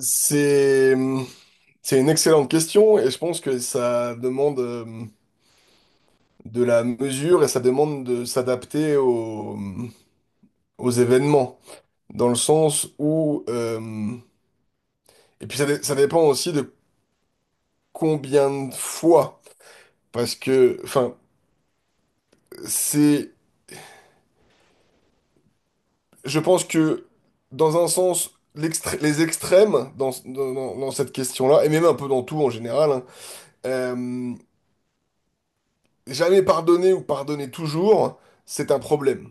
C'est, hum, c'est une excellente question et je pense que ça demande de la mesure et ça demande de s'adapter aux, aux événements. Dans le sens où... et puis ça, ça dépend aussi de combien de fois. Parce que, enfin, c'est... Je pense que, dans un sens, les extrêmes dans cette question-là, et même un peu dans tout en général, hein, euh, jamais pardonner ou pardonner toujours, c'est un problème.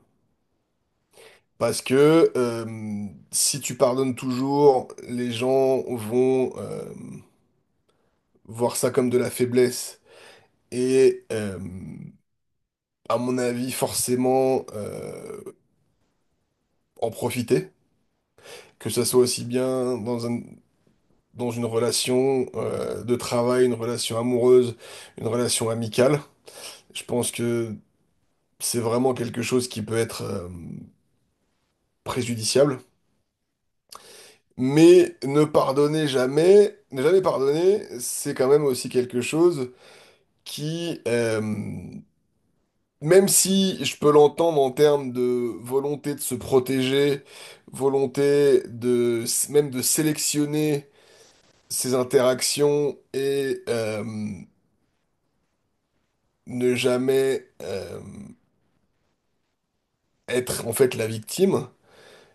Parce que si tu pardonnes toujours, les gens vont voir ça comme de la faiblesse et, à mon avis, forcément en profiter, que ça soit aussi bien dans une relation de travail, une relation amoureuse, une relation amicale. Je pense que c'est vraiment quelque chose qui peut être préjudiciable. Mais ne pardonner jamais, ne jamais pardonner, c'est quand même aussi quelque chose qui, même si je peux l'entendre en termes de volonté de se protéger, volonté de même de sélectionner ses interactions et ne jamais être en fait la victime,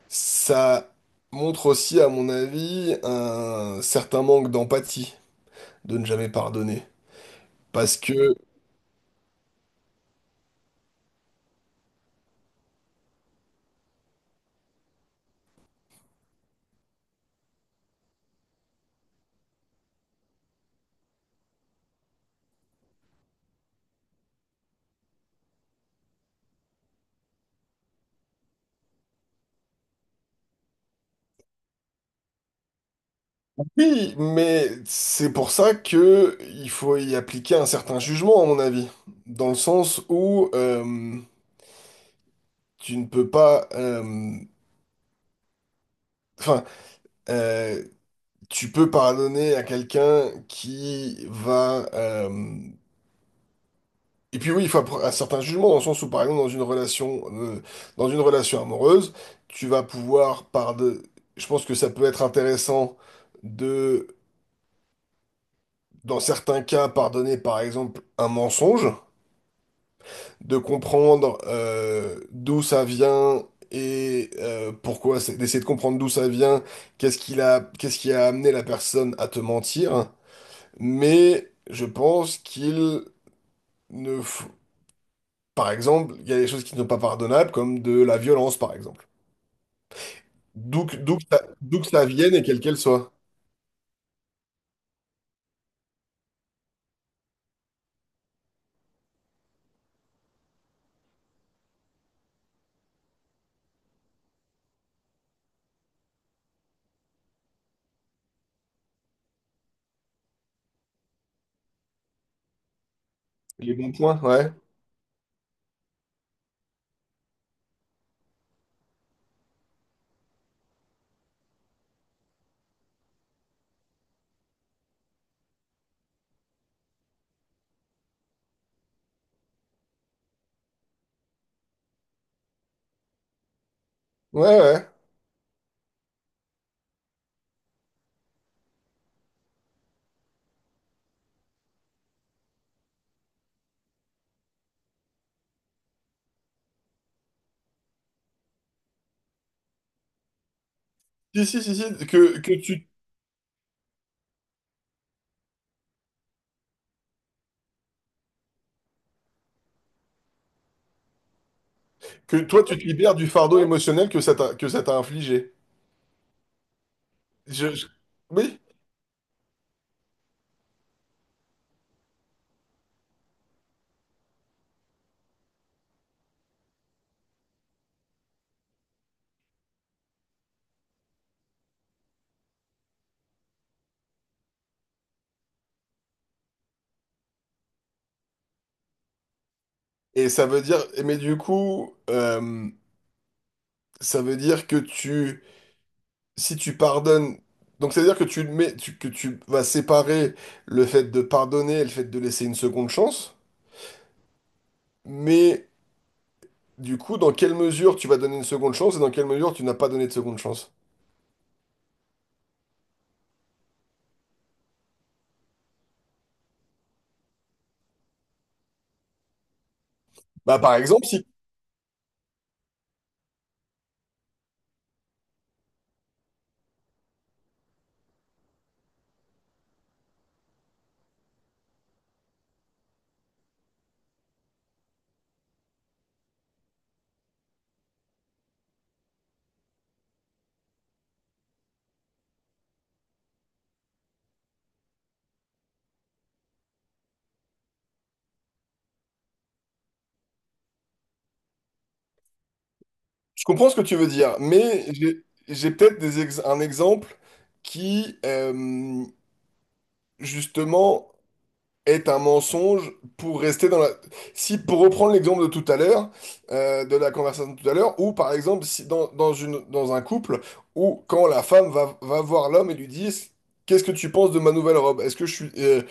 ça montre aussi, à mon avis, un certain manque d'empathie de ne jamais pardonner. Parce que oui, mais c'est pour ça que il faut y appliquer un certain jugement, à mon avis. Dans le sens où tu ne peux pas... Enfin, euh, tu peux pardonner à quelqu'un qui va... et puis oui, il faut un certain jugement, dans le sens où, par exemple, dans une relation amoureuse, tu vas pouvoir pardonner... Je pense que ça peut être intéressant de, dans certains cas, pardonner, par exemple, un mensonge. De comprendre d'où ça vient et pourquoi, c'est d'essayer de comprendre d'où ça vient, qu'est-ce qu'il a, qu'est-ce qui a amené la personne à te mentir. Mais je pense qu'il ne faut... Par exemple, il y a des choses qui ne sont pas pardonnables, comme de la violence, par exemple. D'où que ça vienne et quel qu'elle soit. Les bons points, ouais. Ouais, ouais. Si, que toi, tu te libères du fardeau émotionnel que ça t'a infligé. Je, je- Oui. Et ça veut dire, mais du coup, ça veut dire que tu, si tu pardonnes, donc ça veut dire que tu le mets, que tu vas séparer le fait de pardonner et le fait de laisser une seconde chance, mais du coup, dans quelle mesure tu vas donner une seconde chance et dans quelle mesure tu n'as pas donné de seconde chance? Bah, par exemple, si, je comprends ce que tu veux dire, mais j'ai peut-être un exemple qui, justement, est un mensonge pour rester dans la... Si, pour reprendre l'exemple de tout à l'heure, de la conversation de tout à l'heure, ou par exemple, si dans un couple, où quand la femme va voir l'homme et lui dit, qu'est-ce que tu penses de ma nouvelle robe? Est-ce que je suis...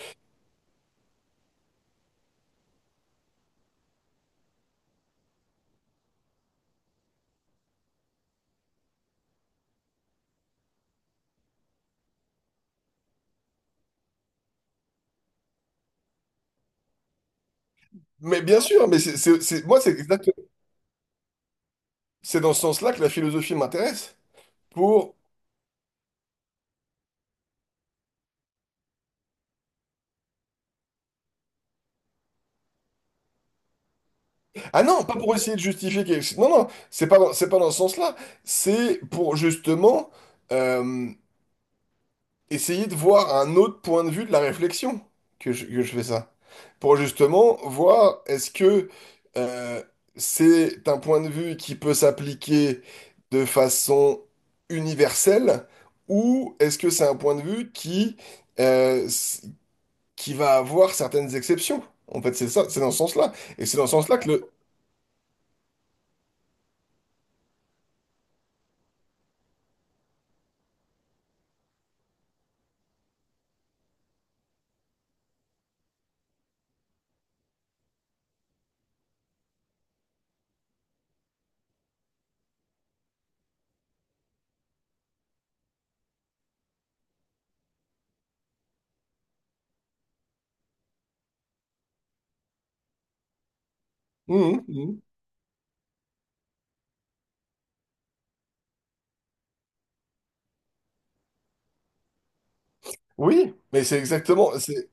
Mais bien sûr, mais c'est dans ce sens-là que la philosophie m'intéresse. Pour... Ah non, pas pour essayer de justifier quelque chose. Non, non, c'est pas dans ce sens-là. C'est pour justement... euh, essayer de voir un autre point de vue de la réflexion que je fais ça. Pour justement voir est-ce que euh, c'est un point de vue qui peut s'appliquer de façon universelle ou est-ce que c'est un point de vue qui, euh, s- qui va avoir certaines exceptions. En fait, c'est ça, c'est dans ce sens-là. Et c'est dans ce sens-là que le... Mhm, mhm. Oui, mais c'est exactement, c'est,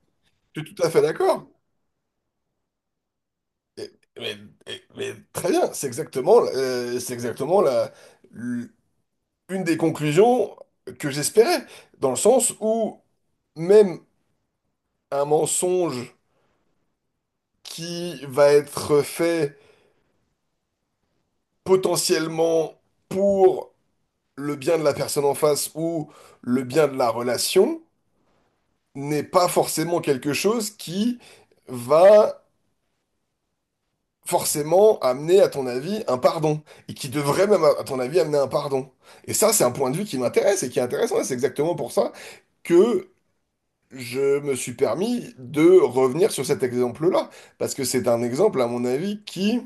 je suis tout à fait d'accord. Mais, mais très bien, c'est exactement l- une des conclusions que j'espérais, dans le sens où même un mensonge qui va être fait potentiellement pour le bien de la personne en face ou le bien de la relation n'est pas forcément quelque chose qui va forcément amener, à ton avis, un pardon, et qui devrait même, à ton avis, amener un pardon. Et ça, c'est un point de vue qui m'intéresse et qui est intéressant, et c'est exactement pour ça que je me suis permis de revenir sur cet exemple-là, parce que c'est un exemple, à mon avis, qui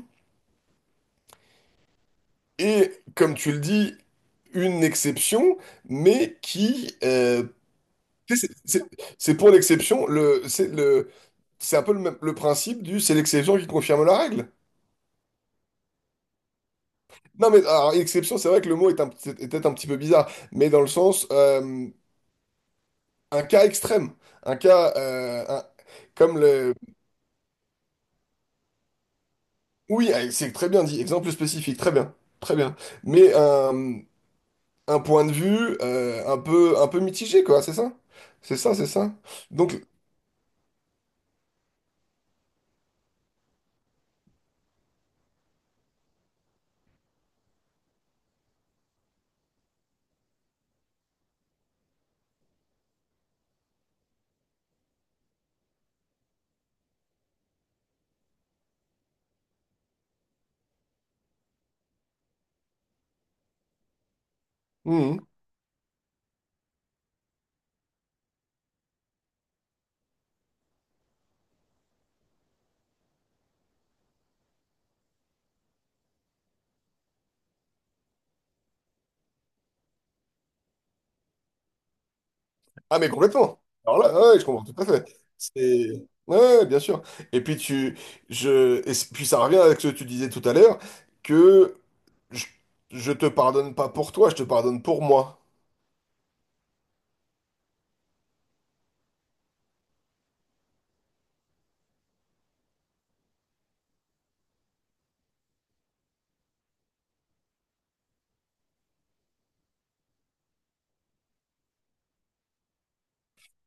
est, comme tu le dis, une exception, mais qui... c'est c'est- c'est pour l'exception, c'est le, c'est un peu le, même- le principe du c'est l'exception qui confirme la règle. Non, mais alors, exception, c'est vrai que le mot est était un petit peu bizarre, mais dans le sens, un cas extrême, un cas comme le... Oui, c'est très bien dit, exemple spécifique, très bien, très bien. Mais un point de vue euh, un peu mitigé, quoi, c'est ça? C'est ça, c'est ça. Donc, hum. Ah, mais complètement. Alors là, ouais, je comprends tout à fait. C'est... Ouais, ouais, bien sûr. Et puis tu, et puis ça revient avec ce que tu disais tout à l'heure, que Je, je te pardonne pas pour toi, je te pardonne pour moi.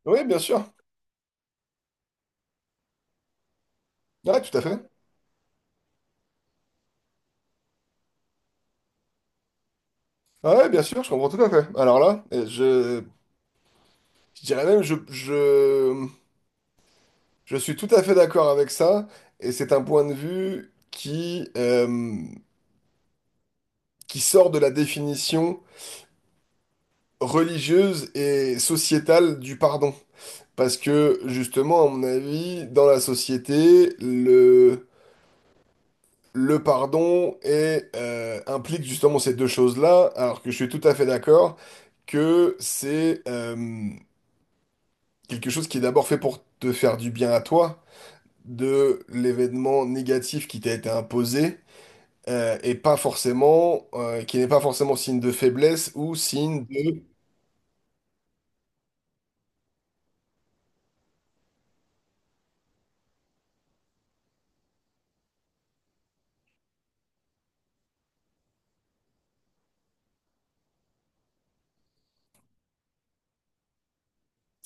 Oui, bien sûr. Ouais, tout à fait. Ouais, bien sûr, je comprends tout à fait. Alors là, je dirais même, je suis tout à fait d'accord avec ça, et c'est un point de vue qui sort de la définition religieuse et sociétale du pardon. Parce que justement, à mon avis, dans la société, le pardon est, implique justement ces deux choses-là, alors que je suis tout à fait d'accord que c'est quelque chose qui est d'abord fait pour te faire du bien à toi, de l'événement négatif qui t'a été imposé, et pas forcément, qui n'est pas forcément signe de faiblesse ou signe de...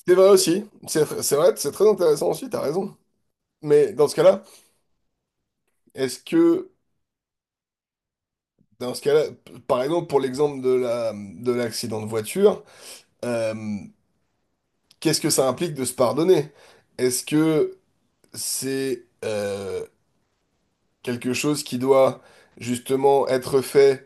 C'est vrai aussi, c'est vrai, c'est très intéressant aussi, t'as raison. Mais dans ce cas-là, est-ce que, dans ce cas-là, par exemple, pour l'exemple de l'accident de voiture, euh, qu'est-ce que ça implique de se pardonner? Est-ce que c'est quelque chose qui doit justement être fait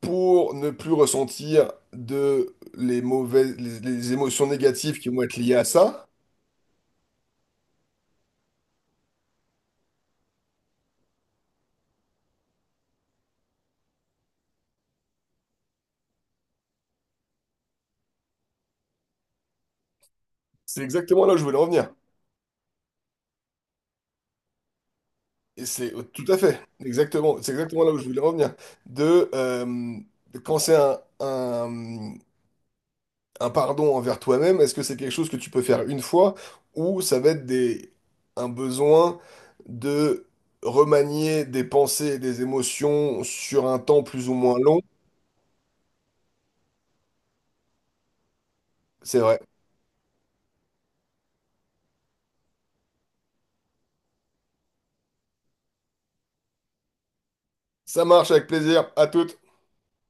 pour ne plus ressentir de les mauvaises, les émotions négatives qui vont être liées à ça? C'est exactement là où je voulais en venir. Et c'est tout à fait, exactement, c'est exactement là où je voulais en venir. De quand c'est un pardon envers toi-même, est-ce que c'est quelque chose que tu peux faire une fois ou ça va être un besoin de remanier des pensées et des émotions sur un temps plus ou moins long? C'est vrai. Ça marche avec plaisir. À toutes.